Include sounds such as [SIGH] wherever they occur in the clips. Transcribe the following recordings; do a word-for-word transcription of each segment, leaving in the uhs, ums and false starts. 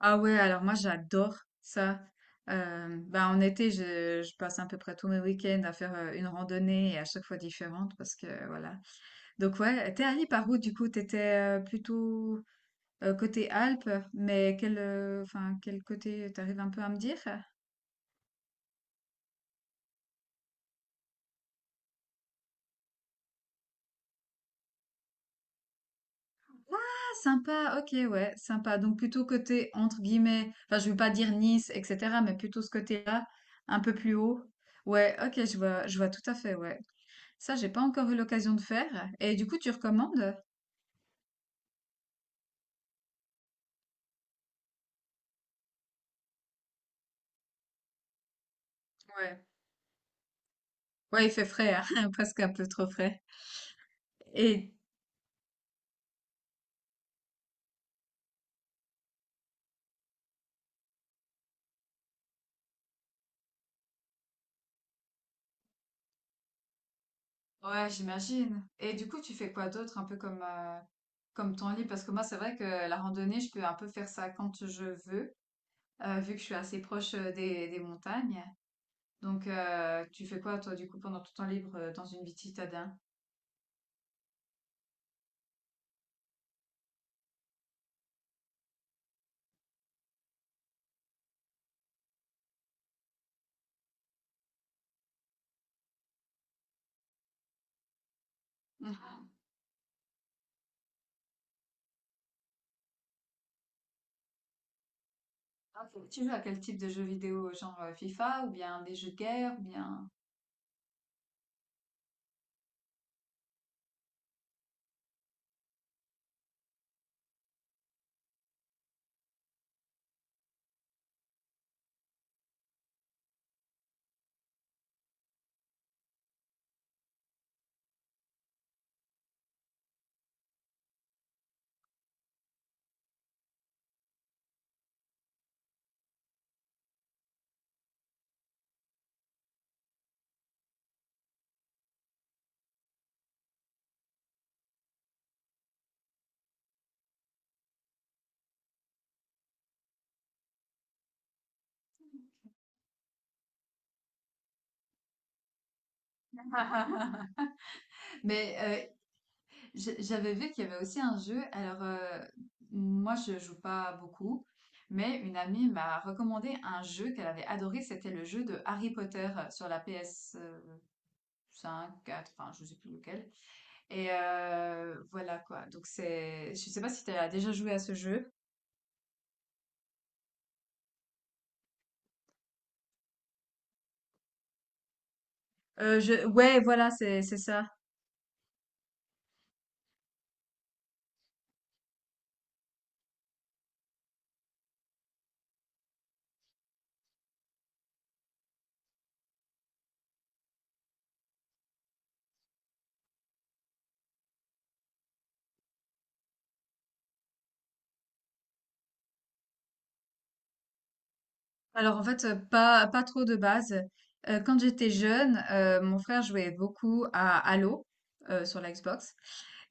Ah ouais, alors moi j'adore ça. Euh, bah en été, je, je passe à peu près tous mes week-ends à faire euh, une randonnée et à chaque fois différente parce que euh, voilà. Donc ouais, t'es allé par où du coup? T'étais euh, plutôt euh, côté Alpes, mais quel, euh, enfin quel côté t'arrives un peu à me dire? Ah, sympa, ok, ouais, sympa. Donc plutôt côté entre guillemets, enfin je veux pas dire Nice, et cetera, mais plutôt ce côté-là, un peu plus haut. Ouais, ok, je vois, je vois tout à fait, ouais. Ça, j'ai pas encore eu l'occasion de faire. Et du coup, tu recommandes? Ouais. Ouais, il fait frais, hein, [LAUGHS] presque un peu trop frais. Et. Ouais, j'imagine. Et du coup, tu fais quoi d'autre, un peu comme, euh, comme ton lit. Parce que moi, c'est vrai que la randonnée, je peux un peu faire ça quand je veux, euh, vu que je suis assez proche euh, des, des montagnes. Donc, euh, tu fais quoi, toi, du coup, pendant tout ton temps libre, euh, dans une vie de citadin? Mhm. Ah, ok. Tu joues à quel type de jeux vidéo? Genre euh, FIFA, ou bien des jeux de guerre, ou bien... [LAUGHS] Mais J- j'avais vu qu'il y avait aussi un jeu. Alors, euh, moi, je joue pas beaucoup, mais une amie m'a recommandé un jeu qu'elle avait adoré. C'était le jeu de Harry Potter euh, sur la ps cinq. quatre, enfin, je sais plus lequel. Et euh, voilà quoi. Donc c'est, je sais pas si tu as déjà joué à ce jeu. Euh, je, ouais, voilà, c'est c'est ça. Alors en fait, heu, pas pas trop de base. Heu, quand j'étais jeune, heu, mon frère jouait beaucoup à Halo, heu, sur la Xbox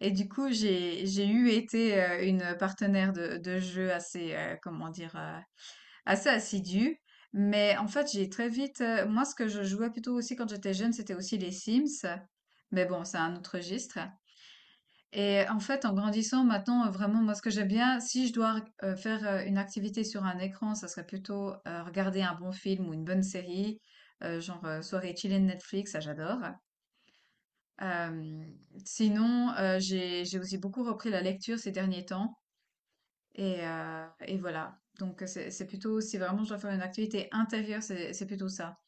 et du coup, j'ai j'ai eu été, heu, une partenaire de de jeu assez, heu, comment dire? Heu, assez assidue. Mais en fait, j'ai très vite, heu moi, ce que je jouais plutôt aussi quand j'étais jeune, c'était aussi les Sims. Mais bon, c'est un autre registre. Et en fait, en grandissant maintenant, euh, vraiment, moi, ce que j'aime bien, si je dois euh, faire euh, une activité sur un écran, ça serait plutôt euh, regarder un bon film ou une bonne série, euh, genre euh, soirée chillée de Netflix, ça j'adore. Euh, Sinon, euh, j'ai j'ai aussi beaucoup repris la lecture ces derniers temps, et, euh, et voilà. Donc c'est c'est plutôt si vraiment je dois faire une activité intérieure, c'est c'est plutôt ça.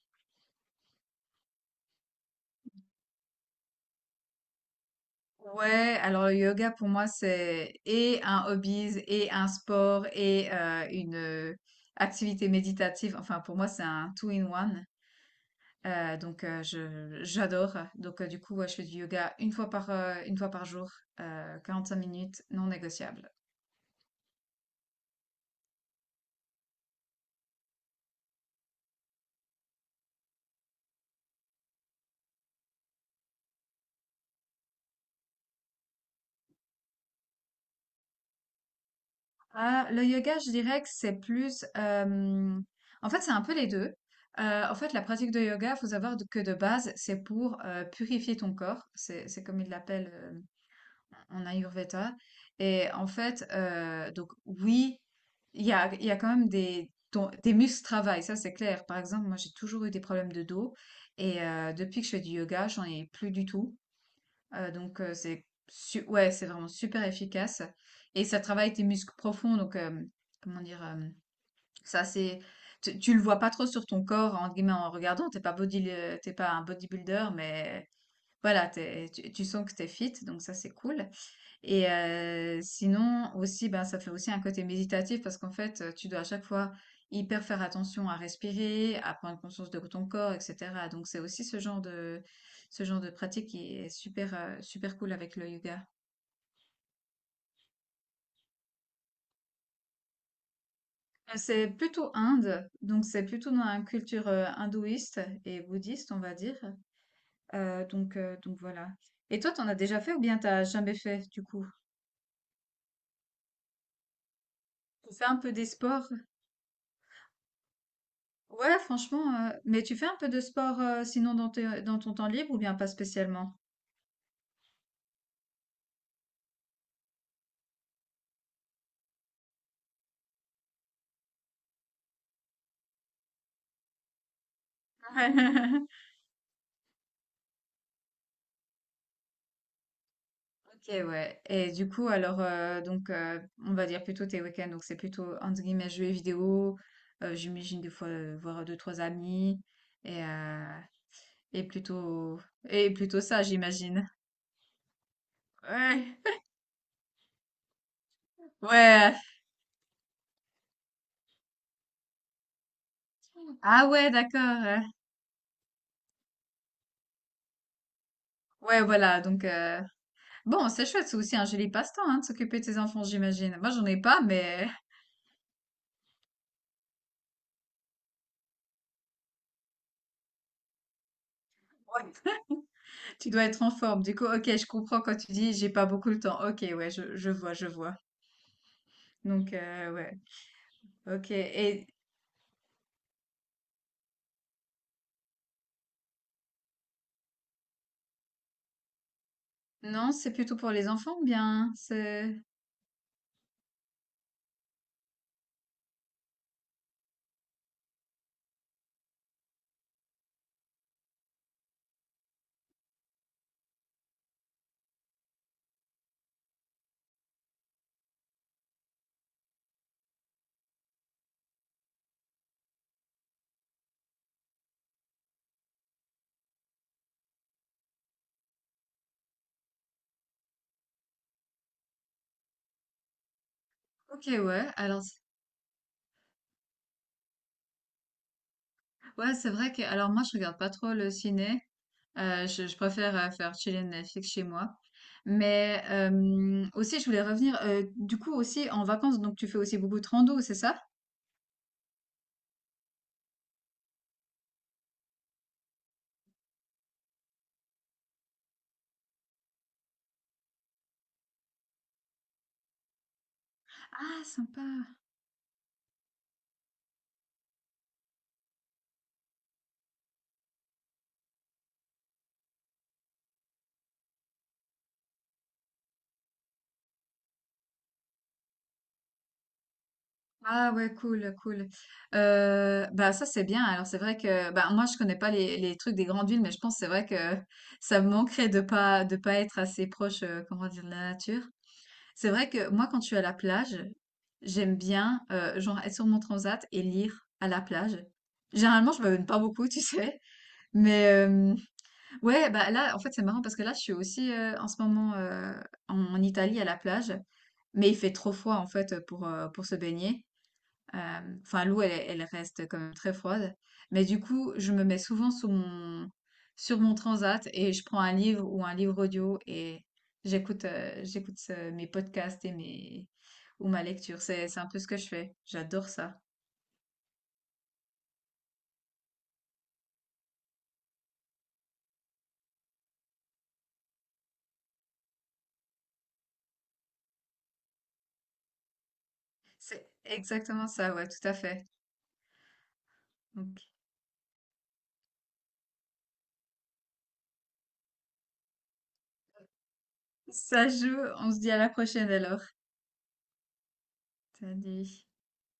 Ouais, alors le yoga pour moi c'est et un hobby et un sport et euh, une euh, activité méditative. Enfin pour moi c'est un two in one. Euh, donc euh, je j'adore. Donc euh, du coup ouais, je fais du yoga une fois par euh, une fois par jour, euh, quarante-cinq minutes, non négociable. Ah, le yoga, je dirais que c'est plus, euh, en fait, c'est un peu les deux. Euh, en fait, la pratique de yoga, faut savoir de- que de base, c'est pour euh, purifier ton corps. C'est, c'est comme ils l'appellent euh, en Ayurveda. Et en fait, euh, donc oui, il y a, il y a quand même des, ton- des muscles travail, ça c'est clair. Par exemple, moi, j'ai toujours eu des problèmes de dos. Et euh, depuis que je fais du yoga, j'en ai plus du tout. Heu, donc, heu, c'est su ouais, c'est vraiment super efficace et ça travaille tes muscles profonds donc hem, comment dire? Hem, ça c'est, tu tu le vois pas trop sur ton corps entre guillemets en regardant, t'es pas body le tu pas un bodybuilder mais voilà, t'es tu tu sens que t'es fit donc ça c'est cool et heu, sinon aussi, ben, ça fait aussi un côté méditatif parce qu'en fait, heu, tu dois à chaque fois hyper faire attention à respirer, à prendre conscience de ton corps et cetera. Donc c'est aussi ce genre de ce genre de pratique qui est super, heu, super cool avec le yoga. Heu, c'est plutôt Inde, donc c'est plutôt dans la culture, heu, hindouiste et bouddhiste, on va dire. Heu, donc heu, donc voilà. Et toi, t'en as déjà fait ou bien t'as jamais fait, du coup? Tu fais un peu des sports? Ouais, franchement, euh, mais tu fais un peu de sport euh, sinon dans tes- dans ton temps libre ou bien pas spécialement? [LAUGHS] Ok, ouais. Et du coup, alors, euh, donc, euh, on va dire plutôt tes week-ends. Donc, c'est plutôt, entre guillemets, jeux vidéo. Euh, j'imagine des fois euh, voir deux, trois amis. Et, euh, et plutôt, et plutôt ça, j'imagine. Ouais. [LAUGHS] Ouais. Ah ouais, d'accord. euh. Ouais, voilà. Donc, euh, bon, c'est chouette. C'est aussi un joli passe-temps, hein, de s'occuper de ses enfants, j'imagine. Moi, j'en ai pas, mais. [LAUGHS] Ouais. Tu dois être en forme. Du coup, ok, je comprends quand tu dis j'ai pas beaucoup le temps. Ok, ouais, je, je vois, je vois. Donc, euh, ouais, ok. Et non, c'est plutôt pour les enfants, ou bien. C'est. Ok, ouais. Alors, c- ouais, c'est vrai que. Alors, moi, je regarde pas trop le ciné. Euh, je, je préfère euh, faire chiller Netflix chez moi. Mais euh, aussi, je voulais revenir. Euh, du coup, aussi en vacances, donc tu fais aussi beaucoup de rando, c'est ça? Ah, sympa. Ah ouais, cool, cool. Euh, bah ça c'est bien. Alors c'est vrai que bah moi je connais pas les, les trucs des grandes villes, mais je pense que c'est vrai que [LAUGHS] ça me manquerait de pas de pas être assez proche, euh, comment dire, de la nature. C'est vrai que moi quand je suis à la plage, j'aime bien euh, genre être sur mon transat et lire à la plage. Généralement je me donne pas beaucoup, tu sais, mais euh, ouais bah là en fait c'est marrant parce que là je suis aussi euh, en ce moment euh, en Italie à la plage, mais il fait trop froid en fait pour euh, pour se baigner. Euh, Enfin, l'eau, elle, elle reste quand même très froide. Mais du coup, je me mets souvent sous mon, sur mon transat et je prends un livre ou un livre audio et j'écoute euh, j'écoute ce- mes podcasts et mes, ou ma lecture. C'est, c'est un peu ce que je fais. J'adore ça. C'est exactement ça, ouais, tout à fait. Donc, ça joue. On se dit à la prochaine alors. Salut.